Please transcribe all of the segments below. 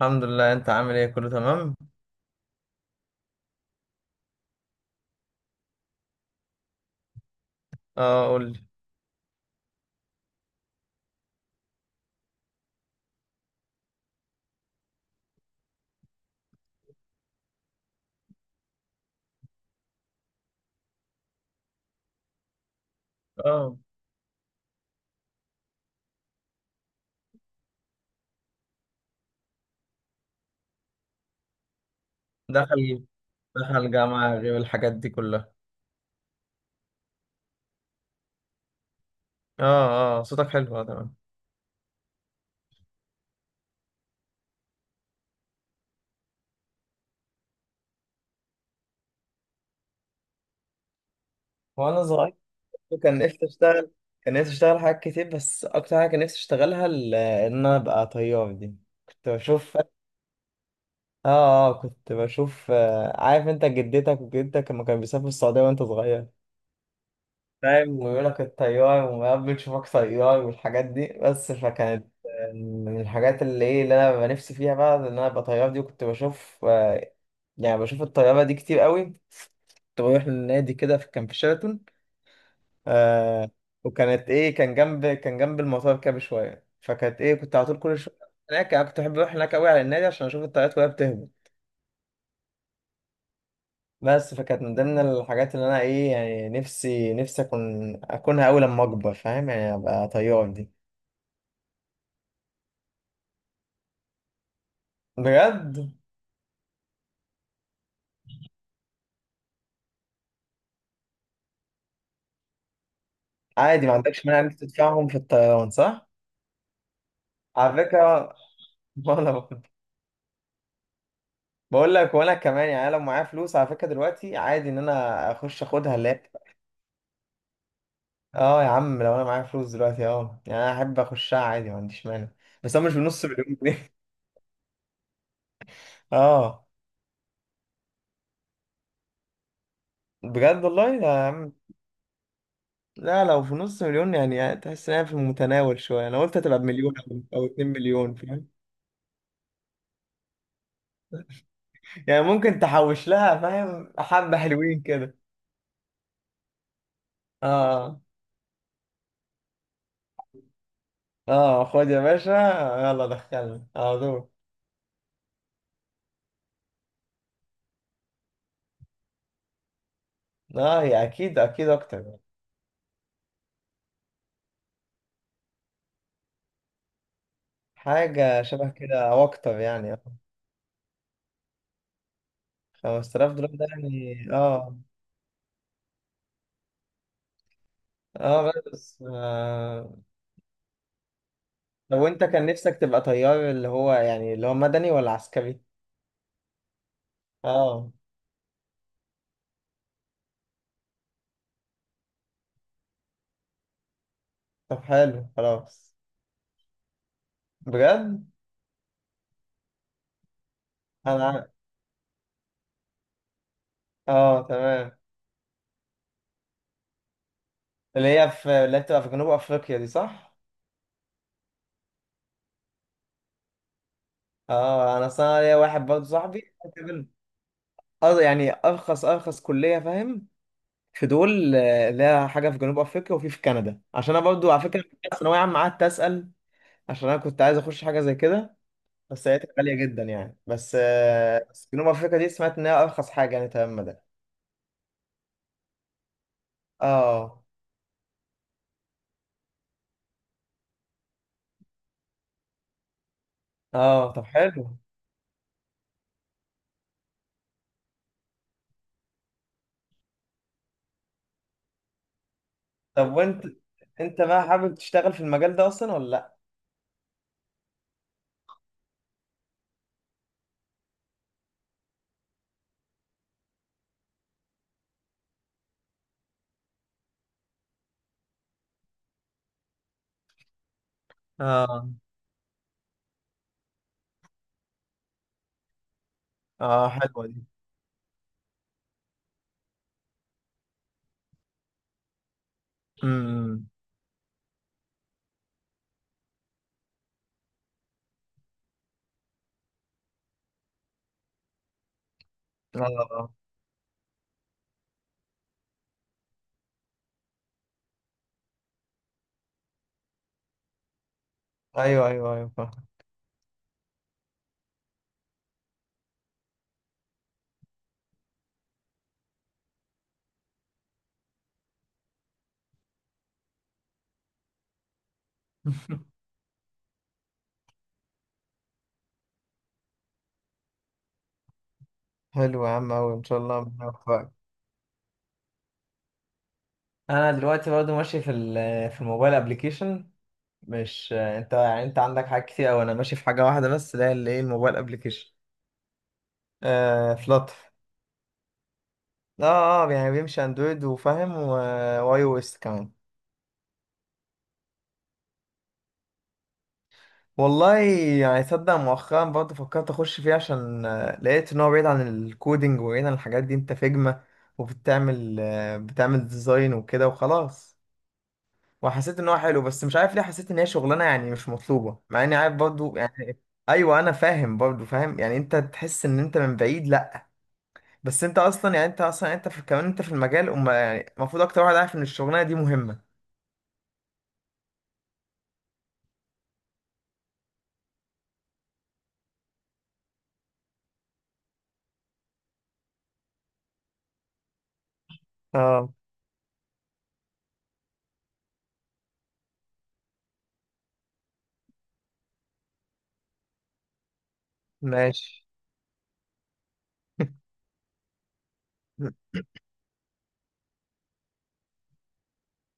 الحمد لله. انت عامل ايه؟ كله تمام. اه قول لي. اه دخل دخل جامعة غير الحاجات دي كلها. اه، اه، صوتك حلو. اه، تمام. وانا صغير، كان نفسي اشتغل كان نفسي اشتغل حاجات كتير، بس اكتر حاجة كان نفسي اشتغلها ان انا ابقى طيار دي. كنت بشوف. اه اه كنت بشوف. عارف انت جدتك وجدتك لما كانوا بيسافروا السعودية وانت صغير، فاهم، ويقول لك الطيار، وقبل تشوفك طيار والحاجات دي. بس فكانت من الحاجات اللي انا ببقى نفسي فيها بقى، ان انا ابقى طيار دي. وكنت بشوف. يعني بشوف الطيارة دي كتير قوي. كنت بروح للنادي كده كان في شيراتون. آه وكانت كان جنب المطار كده بشوية. فكانت كنت على طول كل شوية هناك. انا كنت بحب اروح هناك قوي على النادي عشان اشوف الطيارات وهي بتهبط. بس فكانت من ضمن الحاجات اللي انا ايه يعني نفسي اكونها قوي لما اكبر، فاهم؟ يعني ابقى طيار دي. بجد؟ عادي، ما عندكش مانع انك تدفعهم في الطيران صح؟ على فكرة. وانا برضه. بقول لك وانا كمان يعني، أنا لو معايا فلوس على فكرة دلوقتي عادي ان انا اخش اخدها اللي هي. اه يا عم، لو انا معايا فلوس دلوقتي، يعني انا احب اخشها عادي، ما عنديش مانع. بس انا مش بنص مليون جنيه. اه، بجد والله لا يا عم. لا، لو في نص مليون، يعني، تحس انها في المتناول شوية. انا قلت هتبقى بمليون او اتنين مليون، فاهم؟ يعني ممكن تحوش لها، فاهم؟ حبة حلوين كده. اه، اه، خد يا باشا، يلا دخلنا على طول. اه، هي اكيد اكيد اكتر يعني. حاجة شبه كده او اكتر يعني اه $5000 ده يعني. اه اه بس. طب وانت كان نفسك تبقى طيار، اللي هو مدني ولا عسكري؟ اه، طب حلو خلاص. بجد. انا اه تمام. اللي هي بتبقى في جنوب افريقيا دي صح؟ اه، انا اصلا ليا واحد برضه صاحبي. اه، يعني ارخص كلية، فاهم؟ في دول لها حاجه في جنوب افريقيا، وفي كندا، عشان انا برضو على فكره في ثانويه عامه قعدت اسال، عشان انا كنت عايز اخش حاجه زي كده. بس لقيتها غاليه جدا يعني، بس جنوب افريقيا دي سمعت ان هي ارخص حاجه، يعني تمام ده. اه، اه، طب حلو. طب انت بقى حابب تشتغل في المجال ده اصلا ولا لا؟ اه، اه، حلوه دي. امم. اه، ايوه، ايوه، ايوه، فاهم. حلو يا عم أوي، إن شاء الله ربنا يوفقك. أنا دلوقتي برضه ماشي في في الموبايل أبليكيشن. مش انت، يعني انت عندك حاجات كتير اوي. انا ماشي في حاجه واحده بس، اللي هي اللي ايه الموبايل ابلكيشن. فلاتر. اه، اه، يعني بيمشي اندرويد وفاهم واي او اس كمان. والله يعني صدق، مؤخرا برضه فكرت اخش فيه عشان لقيت ان هو بعيد عن الكودينج وبعيد عن الحاجات دي، انت فيجما وبتعمل آه، بتعمل ديزاين وكده وخلاص. وحسيت ان هو حلو، بس مش عارف ليه حسيت ان هي شغلانه يعني مش مطلوبه، مع اني عارف برضه يعني. ايوه انا فاهم برضه، فاهم يعني. انت تحس ان انت من بعيد، لا، بس انت اصلا يعني انت في المجال، وما يعني المفروض اكتر واحد عارف ان الشغلانه دي مهمه. اه، ماشي.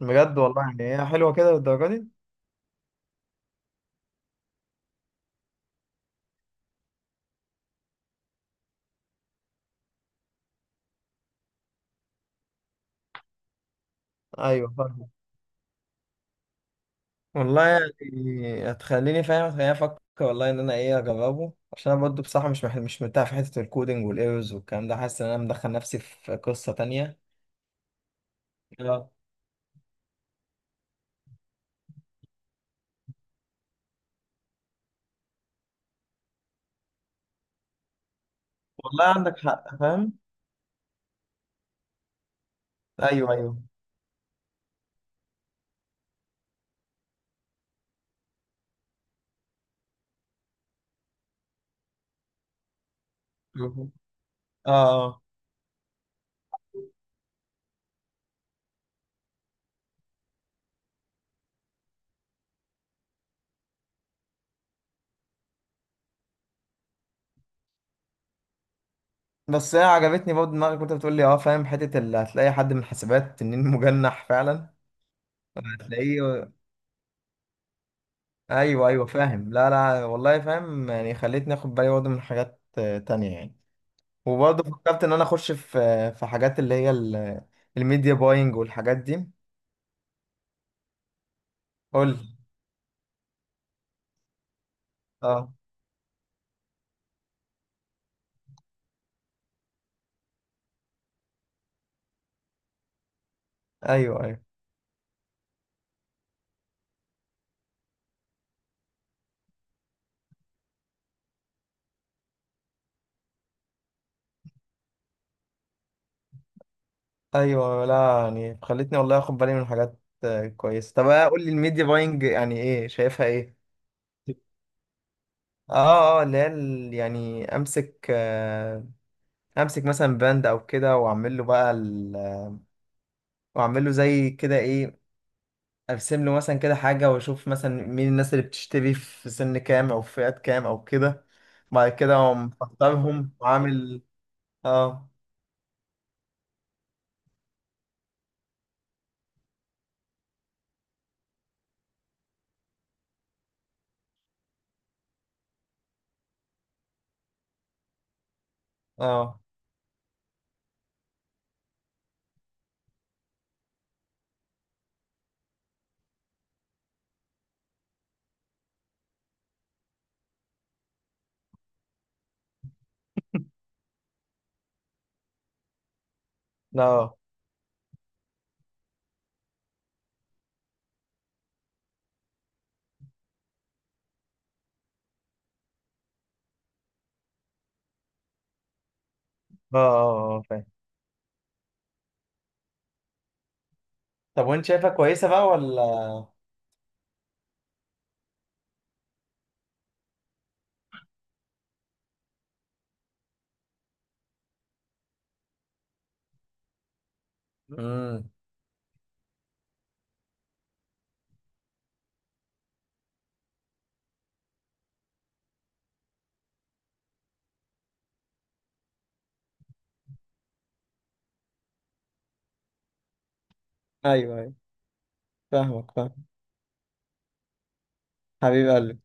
بجد والله، يعني هي حلوه كده للدرجه دي؟ ايوه، فاهم. والله يعني، هتخليني افكر والله ان انا اجربه، عشان انا برضه بصراحه مش مرتاح في حته الكودينج والايرورز والكلام ده، حاسس ان انا مدخل نفسي في قصه تانية. اه، والله عندك حق، فاهم. ايوه، ايوه، اه. بس هي عجبتني برضه دماغك وانت بتقول لي، اه فاهم، حته اللي هتلاقي حد من حسابات تنين مجنح فعلا. هتلاقيه. ايوه، ايوه، فاهم. لا، لا، والله فاهم يعني. خليتني اخد بالي برضه من حاجات تانية يعني. وبرضه فكرت ان انا اخش في حاجات الميديا باينج والحاجات دي. قول لي. اه، ايوه، ايوه، ايوه. لا يعني خليتني والله اخد بالي من حاجات كويسه. طب، قول لي، الميديا باينج يعني ايه، شايفها ايه؟ اه، اه، يعني امسك امسك مثلا باند او كده، واعمل له بقى واعمل له زي كده ايه، ارسم له مثلا كده حاجه، واشوف مثلا مين الناس اللي بتشتري في سن كام او في فئات كام او كده. بعد كده اقوم مختارهم وعامل. اه، اه، لا، اه، اه. فاهم. طب وانت شايفها كويسه بقى ولا؟ امم. ايوه، ايوه، فاهمك فاهم. حبيب قلبي.